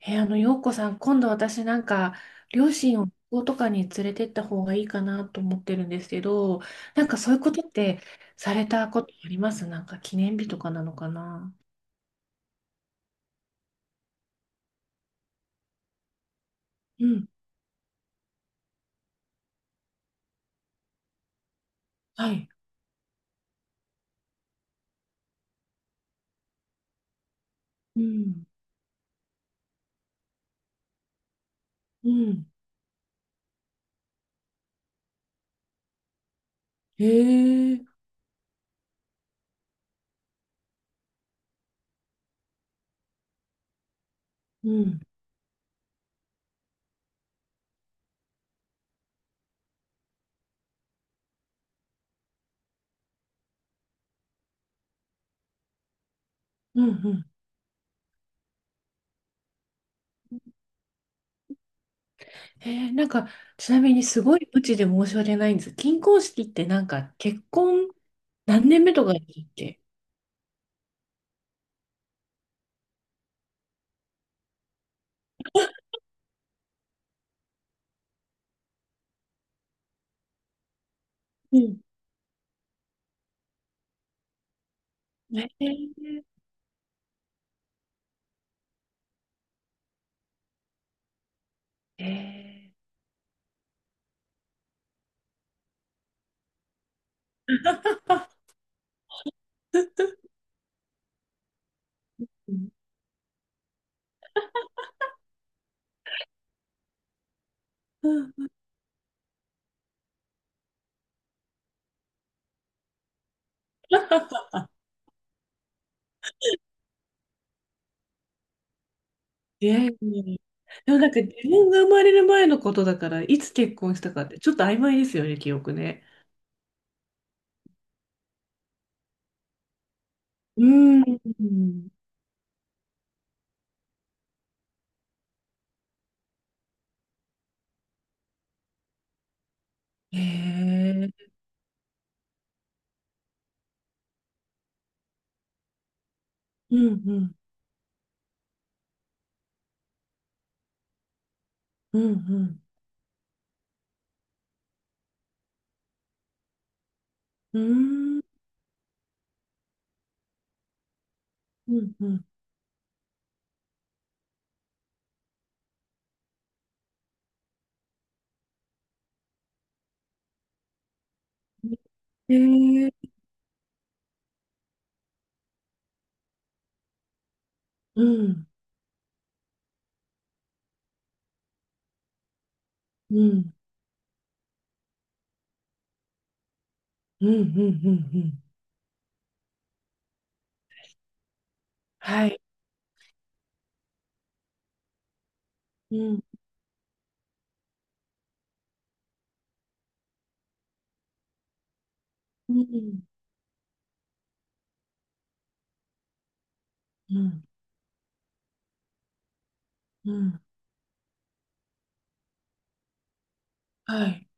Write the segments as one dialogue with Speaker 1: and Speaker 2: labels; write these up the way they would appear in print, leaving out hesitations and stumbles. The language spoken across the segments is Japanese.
Speaker 1: え、あの、洋子さん、今度私両親を旅行とかに連れてった方がいいかなと思ってるんですけど、そういうことってされたことあります？なんか記念日とかなのかな？うん。はい。うん。うん。へえ。うん。うんうん。えー、なんか、ちなみにすごい無知で申し訳ないんです。金婚式ってなんか結婚何年目とかだっけ？うん。えー、えー。うん。いやいやいや。でもなんか自分が生まれる前のことだから、いつ結婚したかってちょっと曖昧ですよね、記憶ね。うーん。へえ。うんうん。うんうん。うーん。うんうん。へえ。うん。うん。うんうんうんうん。はい。うん。うんうんうん。はい。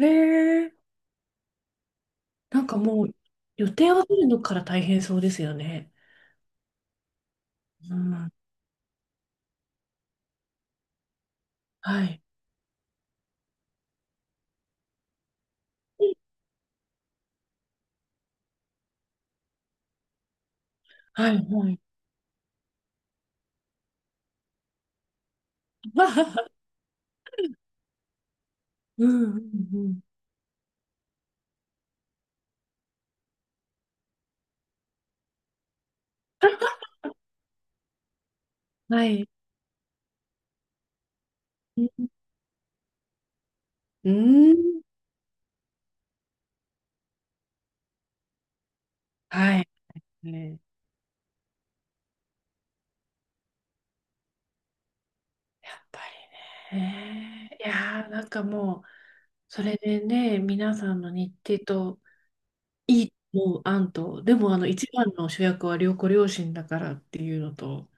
Speaker 1: へえ。なんかもう予定を取るのから大変そうですよね。うん。はい。はいはい。うんうんうん。はい。うん。うんはい。ね。やっぱりね。いやー、なんかもう、それでね、皆さんの日程と、いいと思う案と、でも、一番の主役は良子両親だからっていうのと、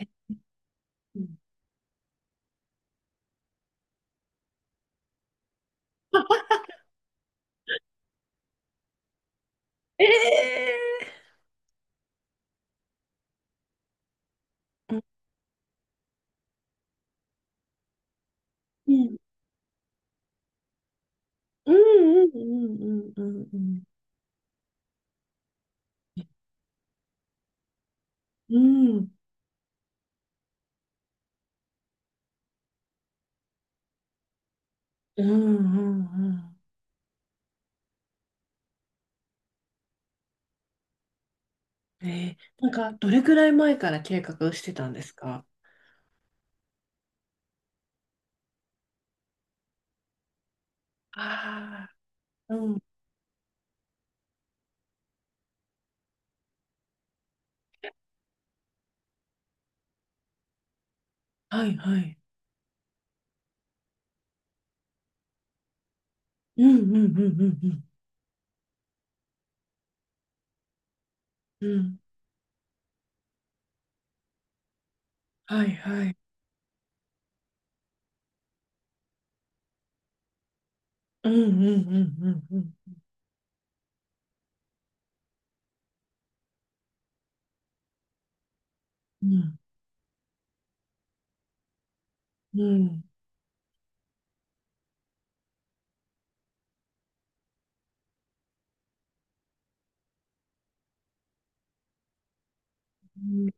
Speaker 1: え、うん。えー、うん、うんうんうんうんうんうん。うんうんうんうん。どれくらい前から計画してたんですか？ああー。うん。はいはい。うんうんうんうんうん。うん。はいはい。うんうんうんうんうん。うん。うん。うん。い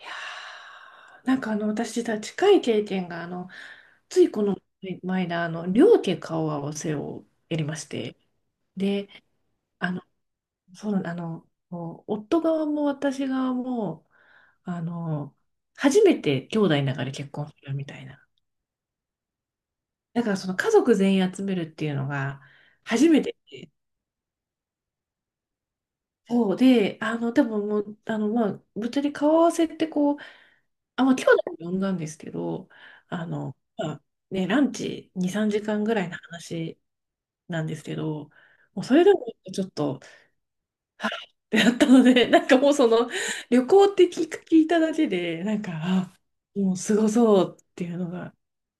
Speaker 1: やー、私実は近い経験が、ついこの前だ、両家顔合わせをやりまして。で、あの、そう、こう夫側も私側も、あの、初めて兄弟の中で結婚するみたいな。だからその家族全員集めるっていうのが、初めて。そうで、多分もう、まあ、ぶっちゃけ顔合わせってこう、あ、まあ、兄弟を呼んだんですけど、まあ、ね、ランチ2、3時間ぐらいの話なんですけど、もうそれでもちょっと、はいってなったので、なんかもうその、旅行って聞く、聞いただけで、なんか、あ、もうすごそうっていうのが、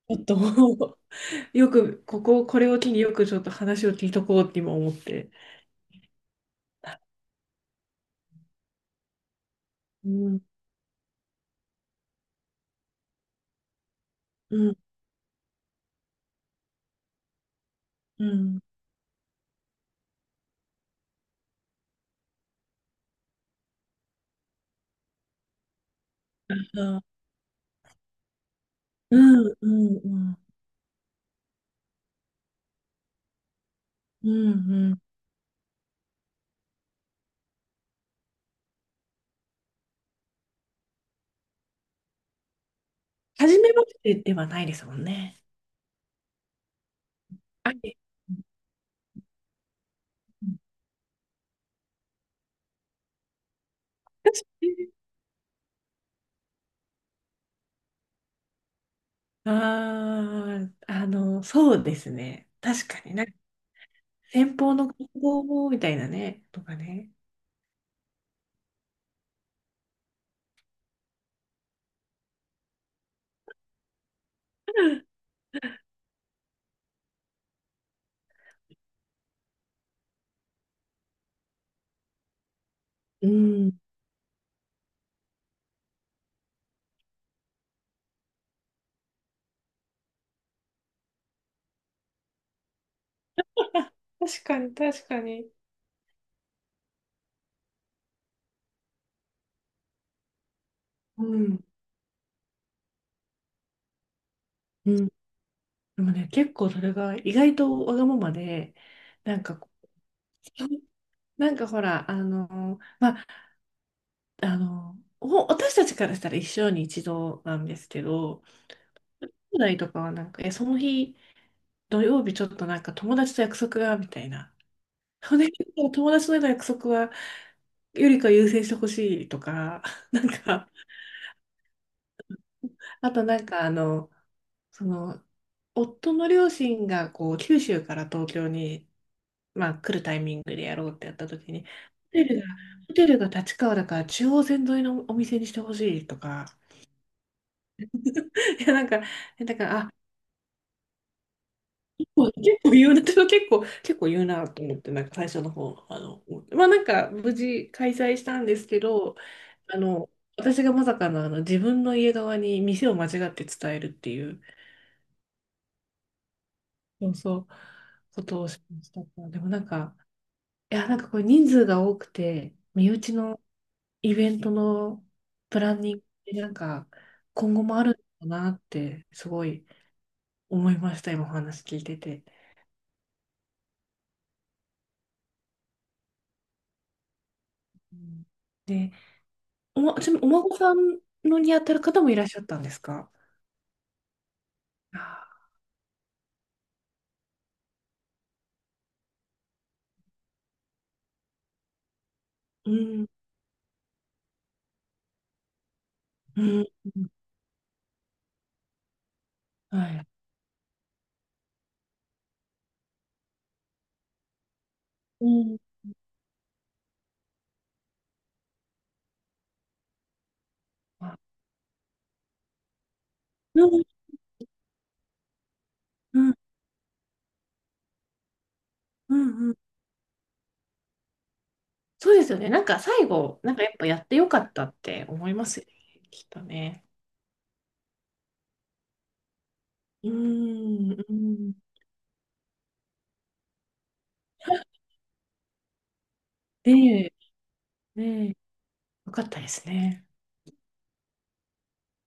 Speaker 1: ちょっともう、よく、ここ、これを機によくちょっと話を聞いとこうって今思って。うん、うん、うん、あ、うん、うん、うん。うんうん。初めましてではないですもんね。はい。うん。確かに。ああ、そうですね。確かに、なんか、先方の活動みたいなね、とかね。うん、確かに、確かに。うん、うん。でもね、結構それが意外とわがままで、なんかこう、なんかほら、お私たちからしたら一生に一度なんですけど、兄弟とかはなんか、え、その日、土曜日ちょっとなんか友達と約束が、みたいな。それ結構友達との約束は、よりか優先してほしいとか、なんか、あとなんかその、夫の両親がこう、九州から東京に、まあ、来るタイミングでやろうってやった時に、テルが、ホテルが立川だから中央線沿いのお店にしてほしいとか、いやなんか、なんか、あ、そう結構言うな、で結構、結構言うなと思って、なんか最初の方、まあなんか無事開催したんですけど、あの、私がまさかの、あの自分の家側に店を間違って伝えるっていう、そうそう、ことをしました。でもなんか、いや、なんかこれ人数が多くて、身内のイベントのプランニングってなんか、今後もあるんだなって、すごい思いました、今お話聞いてて。うん。で、おま、ちなみにお孫さんのにあたる方もいらっしゃったんですか？あー、うん、うん、はい。うん、あ、うん、うん、うんうん。そうですよね。なんか最後、なんかやっぱやってよかったって思いますよね。きっとね。うん、うん。で、ね、よかったですね。